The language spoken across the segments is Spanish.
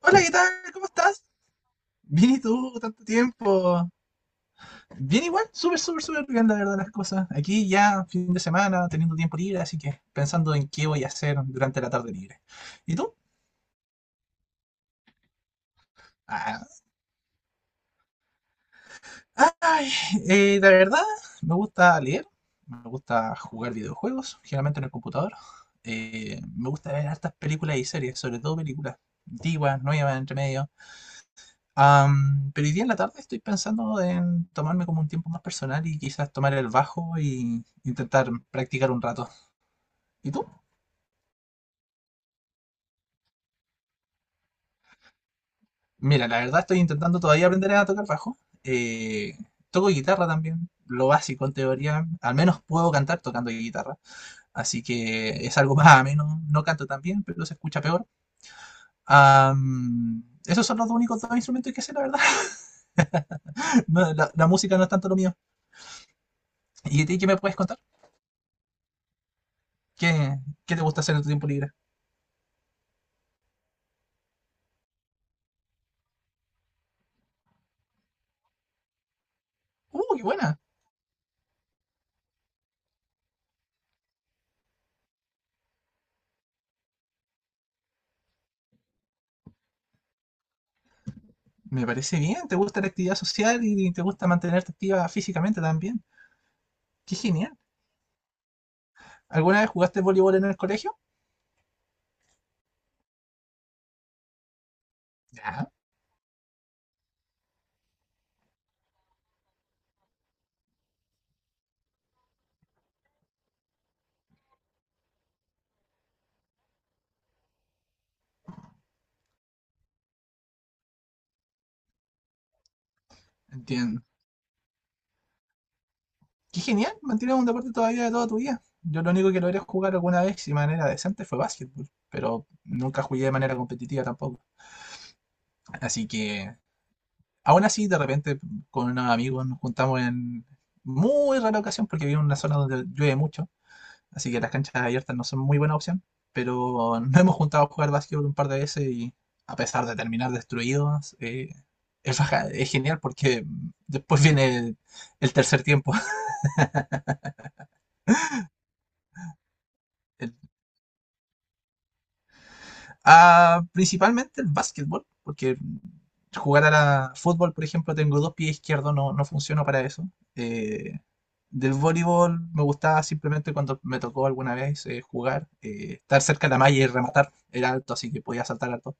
Hola, ¿qué tal? ¿Cómo estás? Bien, ¿y tú? Tanto tiempo. Bien igual, súper, súper, súper bien, la verdad, las cosas. Aquí ya, fin de semana, teniendo tiempo libre, así que pensando en qué voy a hacer durante la tarde libre. ¿Y tú? Ah, ay, la verdad, me gusta leer, me gusta jugar videojuegos, generalmente en el computador. Me gusta ver hartas películas y series, sobre todo películas antiguas, nuevas, entre medio. Pero hoy día en la tarde estoy pensando en tomarme como un tiempo más personal y quizás tomar el bajo y intentar practicar un rato. ¿Y tú? Mira, la verdad estoy intentando todavía aprender a tocar bajo. Toco guitarra también, lo básico en teoría. Al menos puedo cantar tocando guitarra. Así que es algo más ameno. No canto tan bien, pero se escucha peor. Esos son los dos únicos dos instrumentos que sé, la verdad. No, la música no es tanto lo mío. ¿Y a ti qué me puedes contar? ¿Qué, qué te gusta hacer en tu tiempo libre? ¡Uh, qué buena! Me parece bien, te gusta la actividad social y te gusta mantenerte activa físicamente también. Qué genial. ¿Alguna vez jugaste voleibol en el colegio? Ya, entiendo. Qué genial, mantienes un deporte todavía de toda tu vida. Yo lo único que logré jugar alguna vez si de manera decente fue básquetbol, pero nunca jugué de manera competitiva tampoco. Así que, aún así, de repente con unos amigos nos juntamos en muy rara ocasión porque vivo en una zona donde llueve mucho. Así que las canchas abiertas no son muy buena opción. Pero nos hemos juntado a jugar básquetbol un par de veces y a pesar de terminar destruidos, es genial porque después viene el tercer tiempo. El- principalmente el básquetbol, porque jugar a fútbol, por ejemplo, tengo dos pies izquierdos, no, no funciona para eso. Eh, del voleibol me gustaba simplemente cuando me tocó alguna vez jugar, estar cerca de la malla y rematar. Era alto, así que podía saltar alto.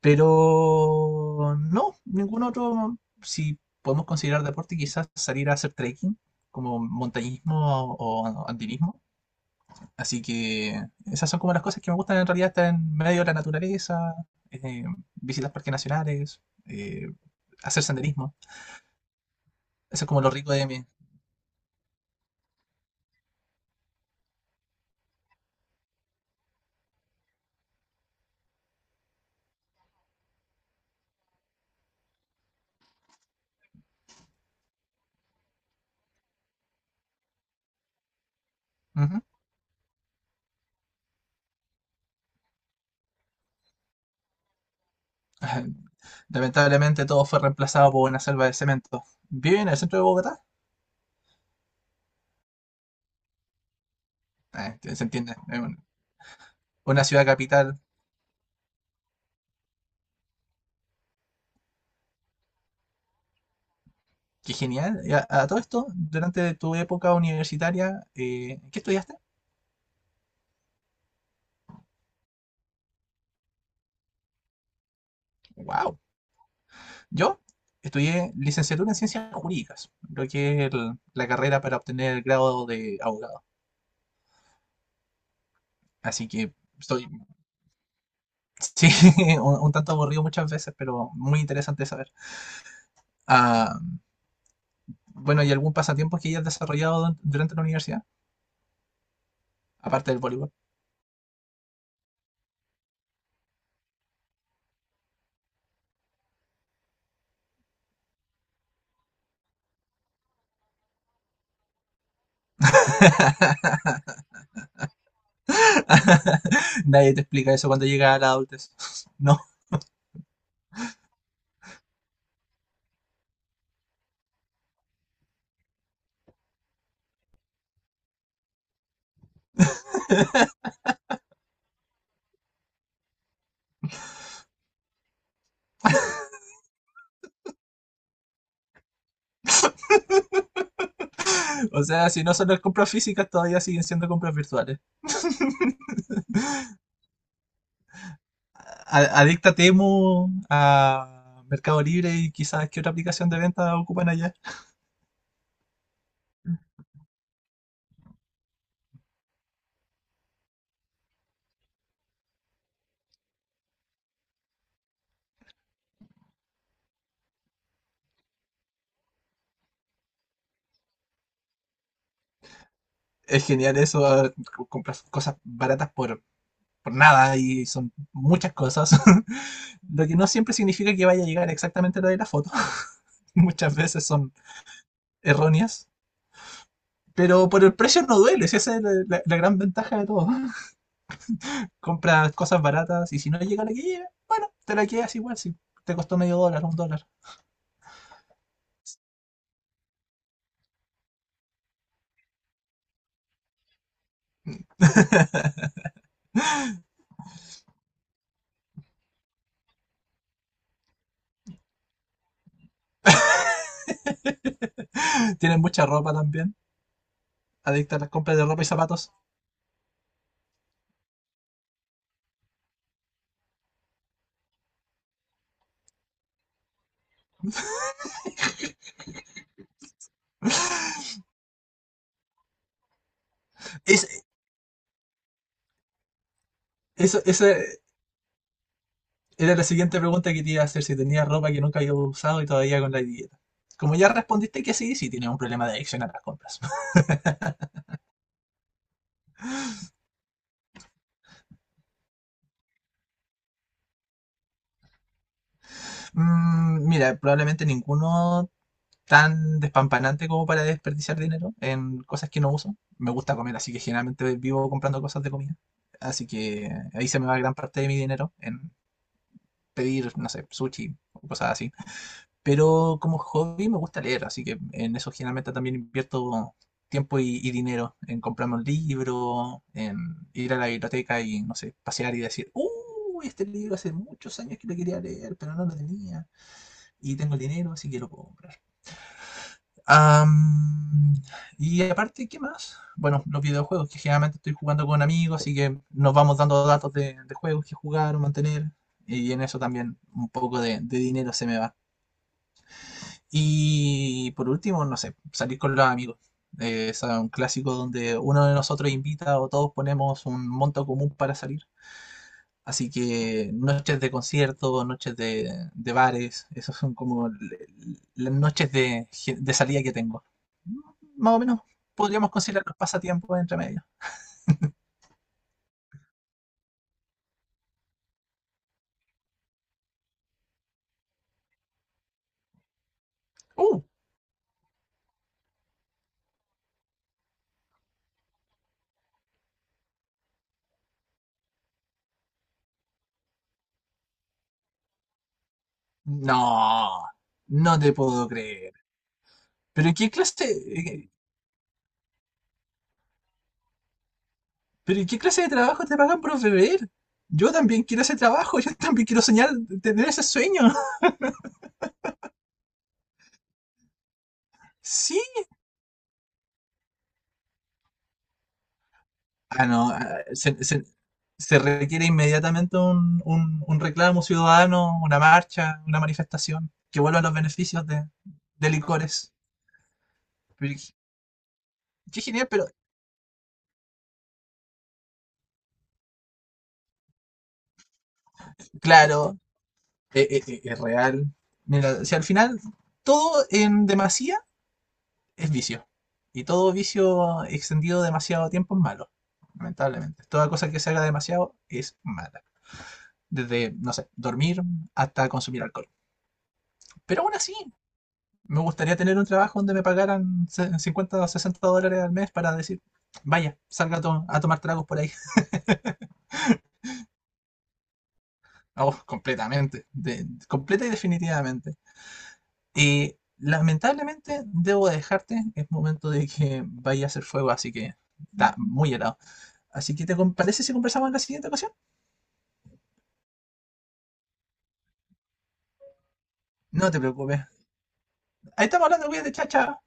Pero no, ningún otro, si podemos considerar deporte, quizás salir a hacer trekking, como montañismo o andinismo. Así que esas son como las cosas que me gustan en realidad, estar en medio de la naturaleza, eh, visitar parques nacionales, eh, hacer senderismo. Eso es como lo rico de mí. Ujú. Lamentablemente todo fue reemplazado por una selva de cemento. ¿Viven en el centro de Bogotá? Se entiende, es una ciudad capital. Qué genial. Y a todo esto, durante tu época universitaria, ¿qué estudiaste? Wow. Yo estudié licenciatura en ciencias jurídicas, lo que es la carrera para obtener el grado de abogado. Así que estoy, sí, un tanto aburrido muchas veces, pero muy interesante saber. Ah, bueno, ¿y algún pasatiempo que hayas desarrollado durante la universidad? Aparte del voleibol. Nadie te explica eso cuando llegas a la adultez. No. O sea, si no son las compras físicas, todavía siguen siendo compras virtuales. Adicta a Temu, a Mercado Libre y quizás qué otra aplicación de venta ocupan allá. Es genial eso, compras cosas baratas por nada y son muchas cosas. Lo que no siempre significa que vaya a llegar exactamente lo de la foto. Muchas veces son erróneas. Pero por el precio no duele, si esa es la gran ventaja de todo. Compras cosas baratas y si no llega la que llega, bueno, te la quedas igual si te costó medio dólar, un dólar. Tienen mucha ropa también. Adicta a las compras de ropa y zapatos. Es, esa era la siguiente pregunta que te iba a hacer, si tenías ropa que nunca había usado y todavía con la etiqueta. Como ya respondiste que sí, sí tienes un problema de adicción a las compras. Mm, mira, probablemente ninguno tan despampanante como para desperdiciar dinero en cosas que no uso. Me gusta comer, así que generalmente vivo comprando cosas de comida. Así que ahí se me va gran parte de mi dinero en pedir, no sé, sushi o cosas así. Pero como hobby me gusta leer, así que en eso generalmente también invierto tiempo y dinero, en comprarme un libro, en ir a la biblioteca y, no sé, pasear y decir, "¡Uy, este libro hace muchos años que lo quería leer, pero no lo tenía! Y tengo el dinero, así que lo puedo comprar". Am, y aparte, ¿qué más? Bueno, los videojuegos, que generalmente estoy jugando con amigos, así que nos vamos dando datos de, juegos que jugar o mantener, y en eso también un poco de dinero se me va. Y por último, no sé, salir con los amigos. Es un clásico donde uno de nosotros invita o todos ponemos un monto común para salir. Así que noches de conciertos, noches de bares, esas son como las noches de salida que tengo. Más o menos podríamos considerar los pasatiempos entre medio. ¡Uh! No, no te puedo creer. Pero ¿qué clase, eh, Pero ¿y qué clase de trabajo te pagan por beber? Yo también quiero ese trabajo, yo también quiero soñar, tener ese sueño. Sí. Ah, no, ah, se requiere inmediatamente un, un reclamo ciudadano, una marcha, una manifestación, que vuelvan los beneficios de licores. Pero qué genial, pero claro, es, real. Mira, si al final todo en demasía es vicio. Y todo vicio extendido demasiado tiempo es malo, lamentablemente. Toda cosa que se haga demasiado es mala. Desde, no sé, dormir hasta consumir alcohol. Pero aún así, me gustaría tener un trabajo donde me pagaran 50 o 60 dólares al mes para decir, vaya, salga a, a tomar tragos por ahí. Oh, completamente, completa y definitivamente. Y lamentablemente debo dejarte, es momento de que vaya a hacer fuego, así que está muy helado. Así que te parece si conversamos en la siguiente ocasión. No te preocupes. Ahí estamos hablando, cuídate, chacha.